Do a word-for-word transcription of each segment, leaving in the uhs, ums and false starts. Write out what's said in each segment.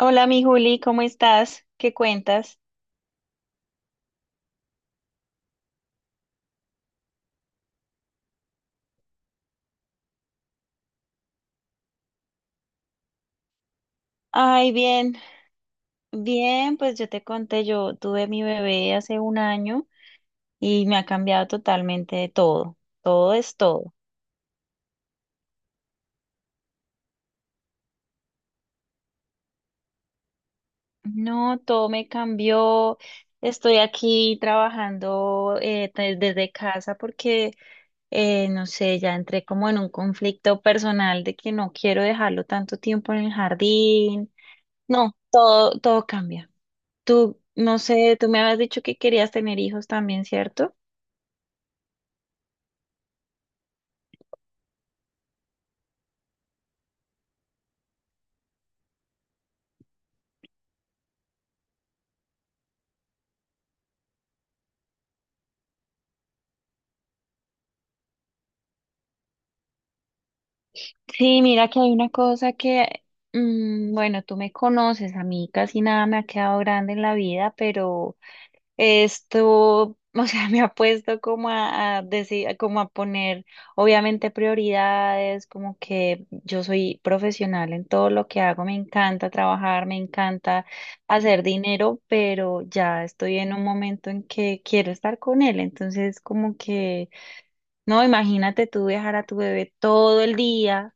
Hola, mi Juli, ¿cómo estás? ¿Qué cuentas? Ay, bien, bien, pues yo te conté, yo tuve mi bebé hace un año y me ha cambiado totalmente de todo, todo es todo. No, todo me cambió, estoy aquí trabajando eh, de- desde casa porque, eh, no sé, ya entré como en un conflicto personal de que no quiero dejarlo tanto tiempo en el jardín. No, todo, todo cambia. Tú, no sé, tú me habías dicho que querías tener hijos también, ¿cierto? Sí, mira que hay una cosa que... Mm, bueno, tú me conoces, a mí casi nada me ha quedado grande en la vida, pero esto, o sea, me ha puesto como a, a decir, como a poner, obviamente, prioridades, como que yo soy profesional en todo lo que hago, me encanta trabajar, me encanta hacer dinero, pero ya estoy en un momento en que quiero estar con él, entonces como que... No, imagínate tú viajar a tu bebé todo el día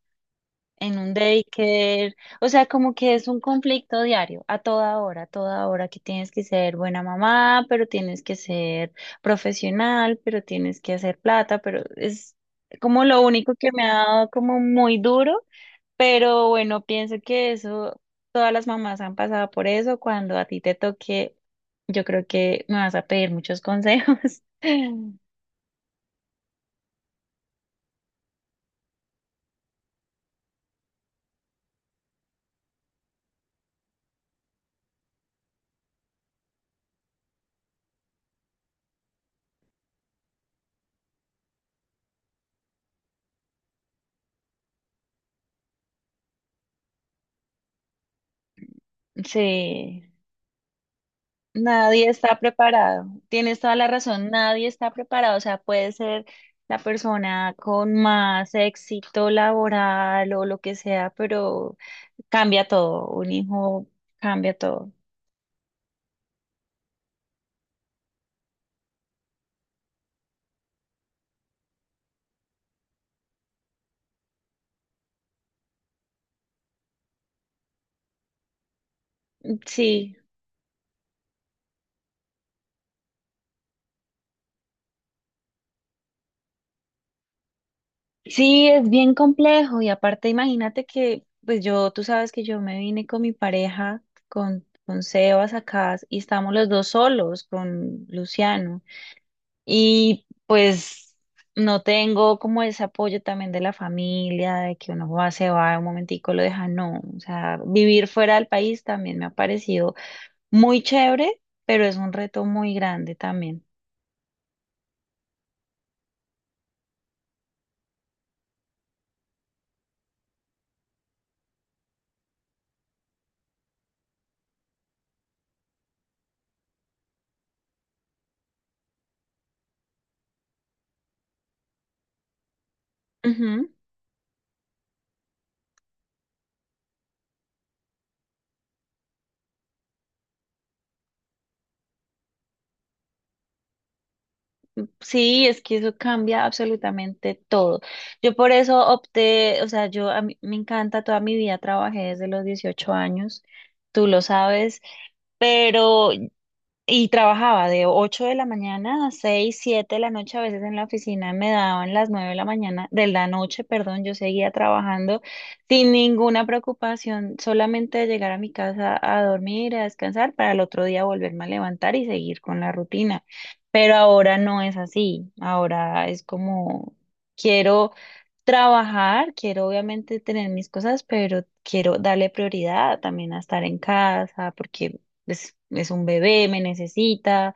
en un daycare, o sea, como que es un conflicto diario, a toda hora, a toda hora que tienes que ser buena mamá, pero tienes que ser profesional, pero tienes que hacer plata, pero es como lo único que me ha dado como muy duro, pero bueno, pienso que eso, todas las mamás han pasado por eso, cuando a ti te toque, yo creo que me vas a pedir muchos consejos. Sí. Nadie está preparado. Tienes toda la razón, nadie está preparado. O sea, puede ser la persona con más éxito laboral o lo que sea, pero cambia todo. Un hijo cambia todo. Sí, sí, es bien complejo. Y aparte, imagínate que, pues yo, tú sabes que yo me vine con mi pareja, con, con Sebas acá, y estamos los dos solos con Luciano. Y pues no tengo como ese apoyo también de la familia, de que uno va, se va un momentico, lo deja, no. O sea, vivir fuera del país también me ha parecido muy chévere, pero es un reto muy grande también. Ujú. Sí, es que eso cambia absolutamente todo. Yo por eso opté, o sea, yo a mí me encanta, toda mi vida trabajé desde los dieciocho años, tú lo sabes, pero... Y trabajaba de ocho de la mañana a seis siete de la noche, a veces en la oficina me daban las nueve de la mañana, de la noche, perdón, yo seguía trabajando sin ninguna preocupación, solamente de llegar a mi casa a dormir, a descansar, para el otro día volverme a levantar y seguir con la rutina. Pero ahora no es así, ahora es como quiero trabajar, quiero obviamente tener mis cosas, pero quiero darle prioridad también a estar en casa porque es, es un bebé, me necesita.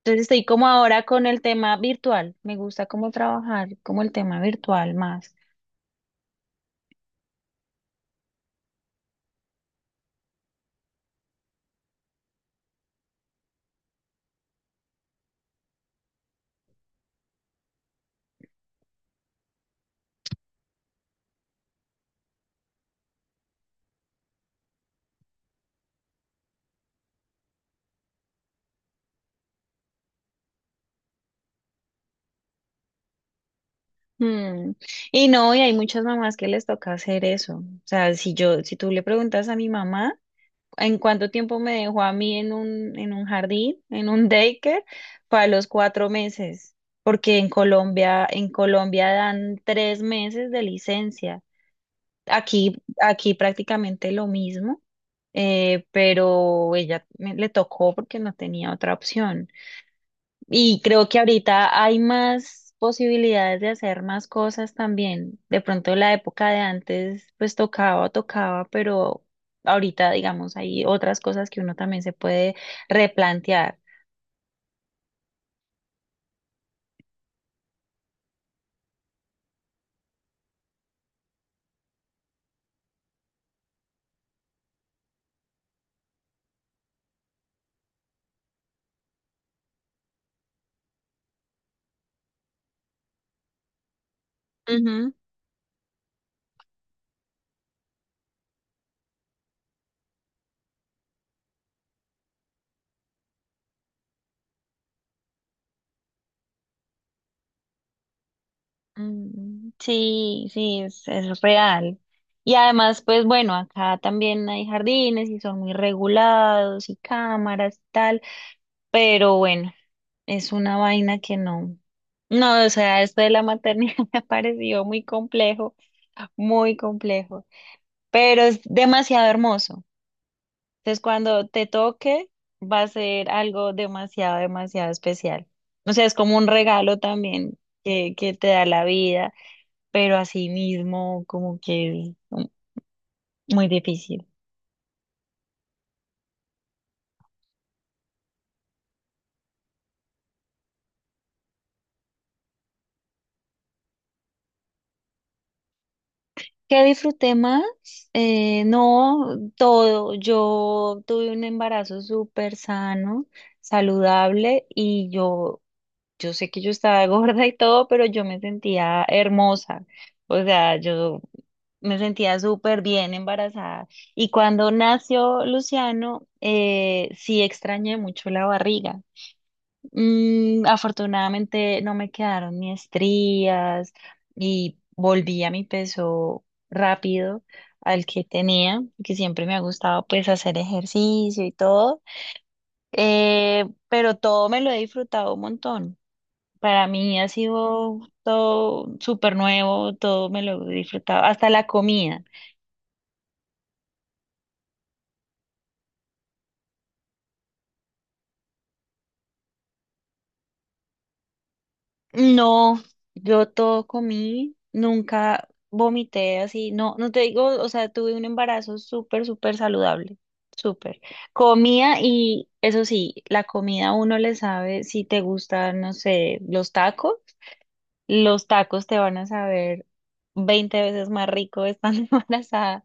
Entonces estoy como ahora con el tema virtual. Me gusta cómo trabajar, como el tema virtual más. Mm. Y no, y hay muchas mamás que les toca hacer eso. O sea, si yo, si tú le preguntas a mi mamá, en cuánto tiempo me dejó a mí en un, en un jardín, en un daycare, fue a los cuatro meses, porque en Colombia, en Colombia dan tres meses de licencia. Aquí, aquí prácticamente lo mismo, eh, pero ella me- le tocó porque no tenía otra opción. Y creo que ahorita hay más posibilidades de hacer más cosas también. De pronto la época de antes, pues tocaba, tocaba, pero ahorita, digamos, hay otras cosas que uno también se puede replantear. Ujú. Mm, sí, sí, es, es real. Y además, pues bueno, acá también hay jardines y son muy regulados y cámaras y tal. Pero bueno, es una vaina que no. No, o sea, esto de la maternidad me ha parecido muy complejo, muy complejo, pero es demasiado hermoso. Entonces, cuando te toque, va a ser algo demasiado, demasiado especial. O sea, es como un regalo también que, que te da la vida, pero así mismo como que es muy difícil. ¿Qué disfruté más? Eh, no, todo. Yo tuve un embarazo súper sano, saludable y yo, yo sé que yo estaba gorda y todo, pero yo me sentía hermosa. O sea, yo me sentía súper bien embarazada. Y cuando nació Luciano, eh, sí extrañé mucho la barriga. Mm, afortunadamente no me quedaron ni estrías y volví a mi peso rápido al que tenía, que siempre me ha gustado pues hacer ejercicio y todo. Eh, pero todo me lo he disfrutado un montón. Para mí ha sido todo súper nuevo, todo me lo he disfrutado, hasta la comida. No, yo todo comí, nunca vomité así, no, no te digo, o sea, tuve un embarazo súper, súper saludable, súper. Comía y eso sí, la comida a uno le sabe, si te gustan, no sé, los tacos, los tacos te van a saber veinte veces más rico estando embarazada.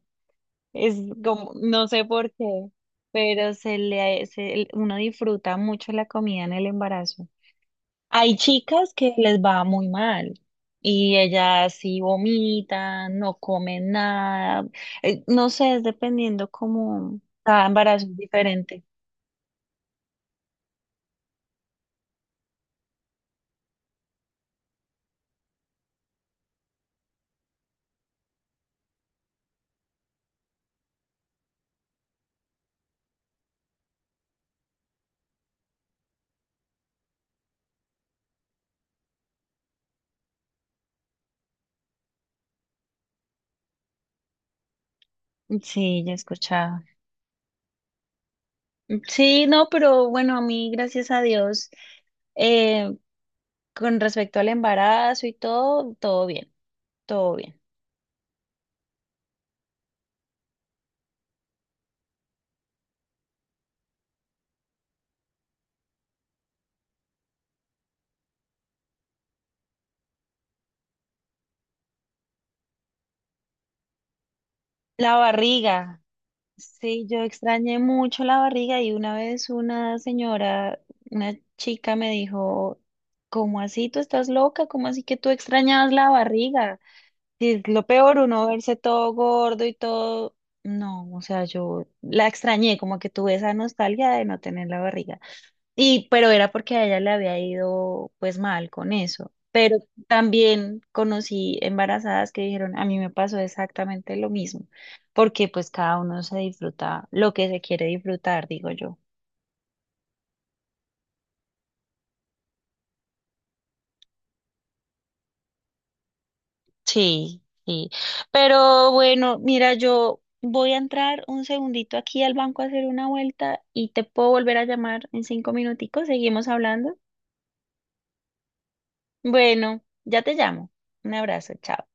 Es como, no sé por qué, pero se le, se- uno disfruta mucho la comida en el embarazo. Hay chicas que les va muy mal y ellas sí vomitan, no comen nada, eh, no sé, es dependiendo cómo cada embarazo es diferente. Sí, ya he escuchado. Sí, no, pero bueno, a mí, gracias a Dios, eh, con respecto al embarazo y todo, todo bien, todo bien. La barriga. Sí, yo extrañé mucho la barriga y una vez una señora, una chica me dijo, ¿cómo así tú estás loca? ¿Cómo así que tú extrañabas la barriga? Y es lo peor, uno verse todo gordo y todo. No, o sea, yo la extrañé, como que tuve esa nostalgia de no tener la barriga. Y, pero era porque a ella le había ido pues mal con eso. Pero también conocí embarazadas que dijeron, a mí me pasó exactamente lo mismo, porque pues cada uno se disfruta lo que se quiere disfrutar, digo yo. Sí, sí. Pero bueno, mira, yo voy a entrar un segundito aquí al banco a hacer una vuelta y te puedo volver a llamar en cinco minuticos. Seguimos hablando. Bueno, ya te llamo. Un abrazo, chao.